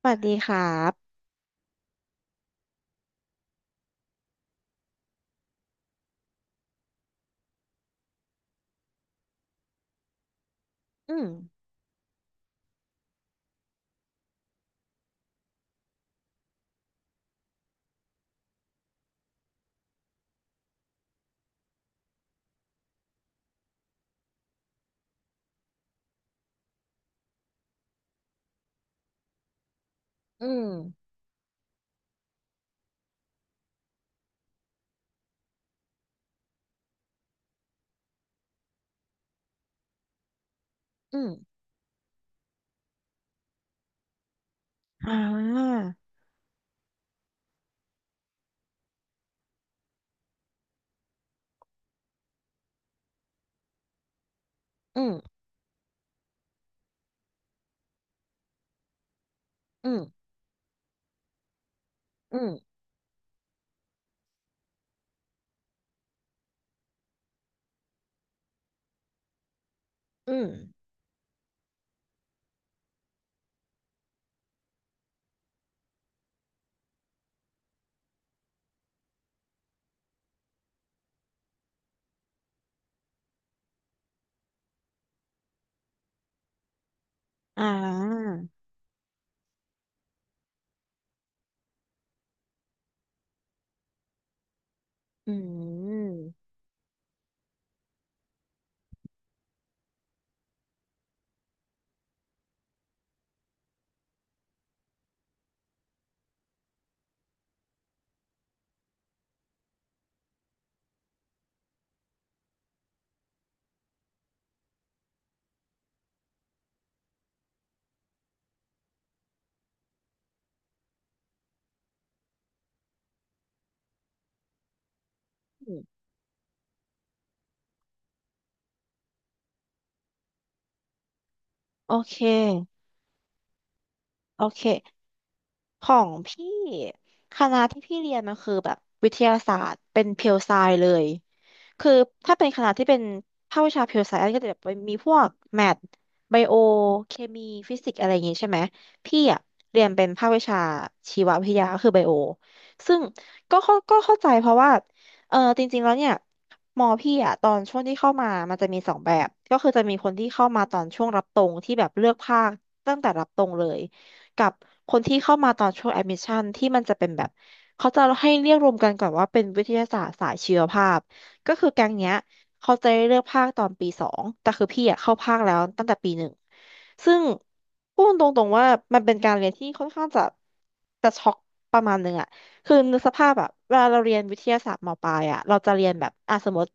สวัสดีครับอืมอืมอืมอ่าอืมอืมอืมอืมอ่าอืมอืมโอเค โอเค ของพี่ คณะที่พี่เรียนมันคือแบบวิทยาศาสตร์ เป็นเพียวไซเลย คือถ้าเป็นคณะที่เป็นภาควิชา pure science ก็จะแบบมีพวกแมทไบโอเคมีฟิสิกอะไรอย่างงี้ใช่ไหมพี่อะเรียนเป็นภาควิชาชีววิทยาก็คือไบโอซึ่งก็เข้าใจเพราะว่าเออจริงๆแล้วเนี่ยมอพี่อะตอนช่วงที่เข้ามามันจะมีสองแบบก็คือจะมีคนที่เข้ามาตอนช่วงรับตรงที่แบบเลือกภาคตั้งแต่รับตรงเลยกับคนที่เข้ามาตอนช่วงแอดมิชชั่นที่มันจะเป็นแบบเขาจะให้เรียกรวมกันก่อนว่าเป็นวิทยาศาสตร์สายชีวภาพ ก็คือแก๊งเนี้ยเขาจะได้เลือกภาคตอนปีสองแต่คือพี่อะเข้าภาคแล้วตั้งแต่ปีหนึ่งซึ่งพูดตรงๆว่ามันเป็นการเรียนที่ค่อนข้างจะช็อกประมาณหนึ่งอะคือนึกสภาพอะเวลาเราเรียนวิทยาศาสตร์มปลายอะเราจะเรียนแบบอ่ะสมมติ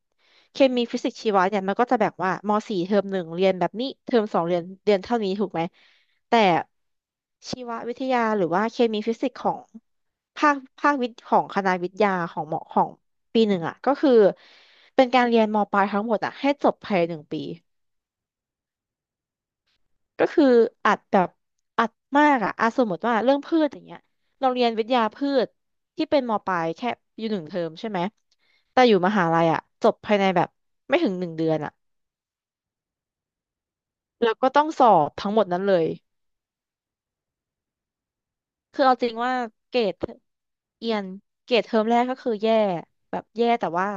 เคมีฟิสิกส์ชีวะเนี่ยมันก็จะแบ่งว่ามสี่เทอมหนึ่งเรียนแบบนี้เทอมสองเรียนเท่านี้ถูกไหมแต่ชีววิทยาหรือว่าเคมีฟิสิกส์ของภาควิทย์ของคณะวิทยาของหมอของ ปีหนึ่งอ่ะก็คือเป็นการเรียนมปลายทั้งหมดอ่ะให้จบภายในหนึ่งปีก็คืออัดแบบอัดมากอ่ะอ่ะสมมติว่าเรื่องพืชอย่างเงี้ยเราเรียนวิทยาพืชที่เป็นมปลายแค่อยู่หนึ่งเทอมใช่ไหมแต่อยู่มหาลัยอ่ะจบภายในแบบไม่ถึงหนึ่งเดือนอ่ะแล้วก็ต้องสอบทั้งหมดนั้นเลย คือเอาจริงว่าเกรดเอียนเกรดเทอมแรกก็คือแย่แบบแย่แต่ว่า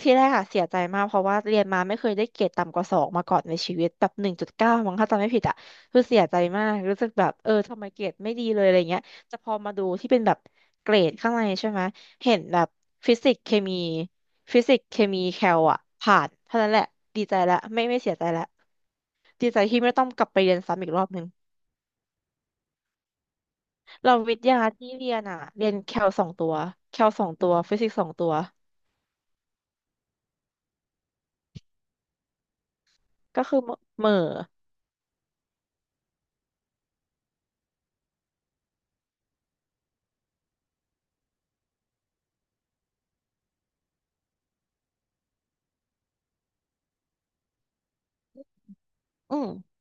ที่แรกอะเสียใจมากเพราะว่าเรียนมาไม่เคยได้เกรดต่ำกว่าสองมาก่อนในชีวิตแบบหนึ่งจุดเก้ามั้งถ้าจำไม่ผิดอะคือเสียใจมากรู้สึกแบบเออทำไมเกรดไม่ดีเลยอะไรเงี้ยแต่พอมาดูที่เป็นแบบเกรดข้างในใช่ไหมเห็นแบบฟิสิกส์เคมีแคลอะผ่านเท่านั้นแหละดีใจละไม่เสียใจละดีใจที่ไม่ต้องกลับไปเรียนซ้ำอีกรอบหนึ่ง เราวิทยาที่เรียนอ่ะเรียนแคลสองตัวฟิสิกส์สองตัวก็คือเหม่ออืม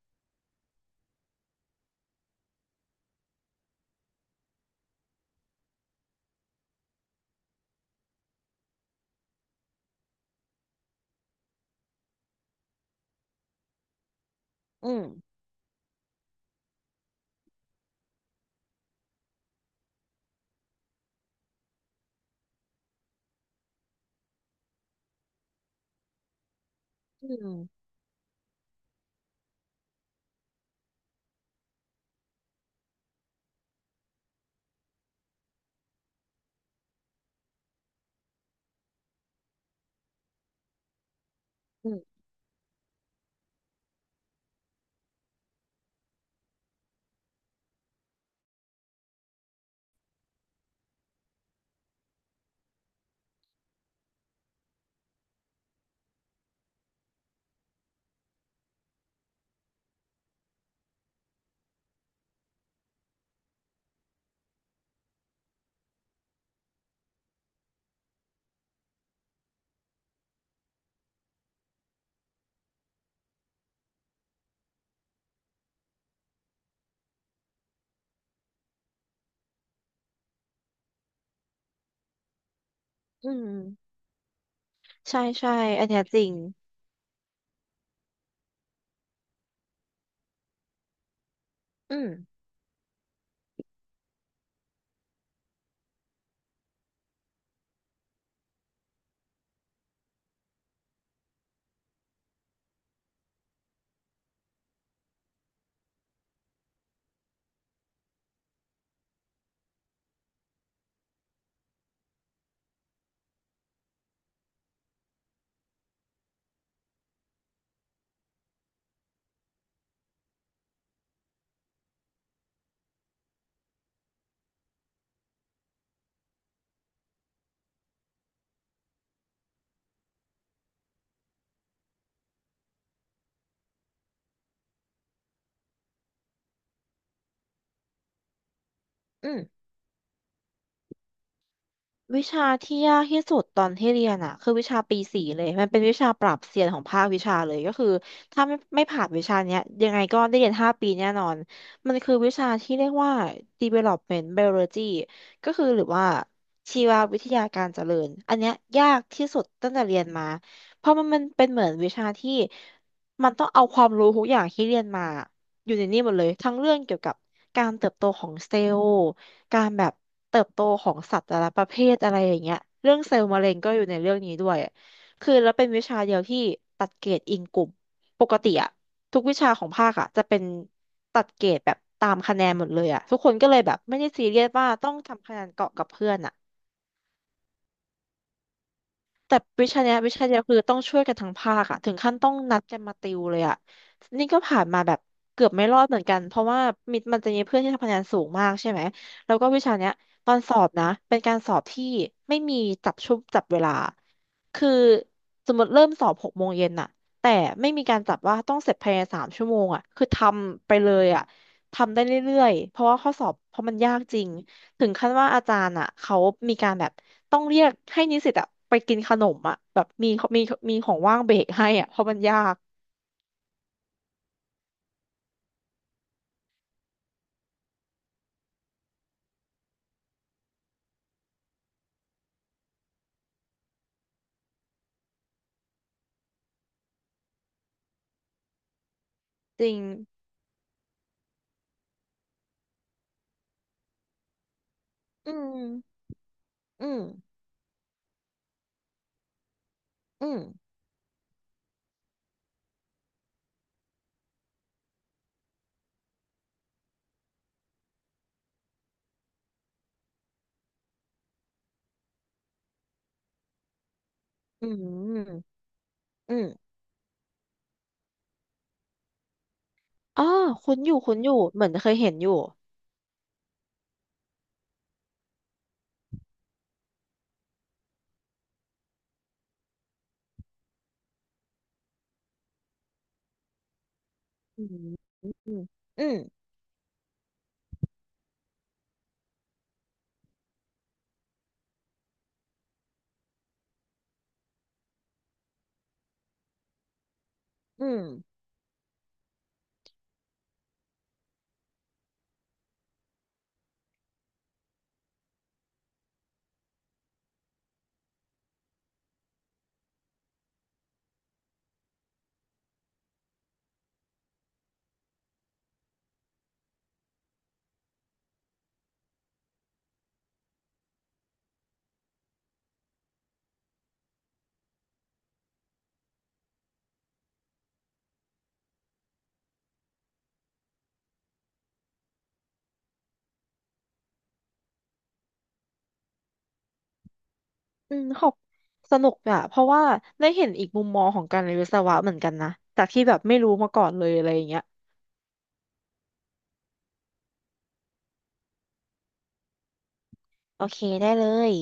อืมอืมอืมอืมใช่ใช่อันเนี้ยจริงอืมอืม วิชาที่ยากที่สุดตอนที่เรียนอ่ะคือวิชาปีสี่เลยมันเป็นวิชาปรับเซียนของภาควิชาเลยก็คือถ้าไม่ผ่านวิชาเนี้ยยังไงก็ได้เรียนห้าปีแน่นอนมันคือวิชาที่เรียกว่า Development Biology ก็คือหรือว่าชีววิทยาการเจริญอันเนี้ยยากที่สุดตั้งแต่เรียนมาเพราะมันเป็นเหมือนวิชาที่มันต้องเอาความรู้ทุกอย่างที่เรียนมาอยู่ในนี่หมดเลยทั้งเรื่องเกี่ยวกับการเติบโตของเซลล์ การแบบเติบโตของสัตว์แต่ละประเภทอะไรอย่างเงี้ยเรื่องเซลล์มะเร็งก็อยู่ในเรื่องนี้ด้วยคือแล้วเป็นวิชาเดียวที่ตัดเกรดอิงกลุ่มปกติอะทุกวิชาของภาคอะจะเป็นตัดเกรดแบบตามคะแนนหมดเลยอะทุกคนก็เลยแบบไม่ได้ซีเรียสว่าต้องทำคะแนนเกาะกับเพื่อนอะ แต่วิชาเนี้ยวิชาเดียวคือต้องช่วยกันทั้งภาคอะถึงขั้นต้องนัดกันมาติวเลยอะนี่ก็ผ่านมาแบบเกือบไม่รอดเหมือนกันเพราะว่ามิดมันจะมีเพื่อนที่ทำคะแนนสูงมากใช่ไหมแล้วก็วิชาเนี้ยตอนสอบนะเป็นการสอบที่ไม่มีจับชุบจับเวลาคือสมมติเริ่มสอบหกโมงเย็นน่ะแต่ไม่มีการจับว่าต้องเสร็จภายในสามชั่วโมงอะคือทำไปเลยอะทำได้เรื่อยๆเพราะว่าข้อสอบเพราะมันยากจริง ถึงขั้นว่าอาจารย์อ่ะเขามีการแบบต้องเรียกให้นิสิตอ่ะไปกินขนมอ่ะแบบมีมีมีของว่างเบรกให้อ่ะเพราะมันยากจริงอืมอืมอืมอืมอืมอ๋อคุ้นอยู่คุ้นอยู่เหมือนเคยเห็นอยู่อืมอืมอืมอืมอืมขอบสนุกอ่ะเพราะว่าได้เห็นอีกมุมมองของการเรียนวิศวะเหมือนกันนะจากที่แบบไม่รู้มาก่อนเลยอะไรอย่างเงี้ยโอเคได้เลย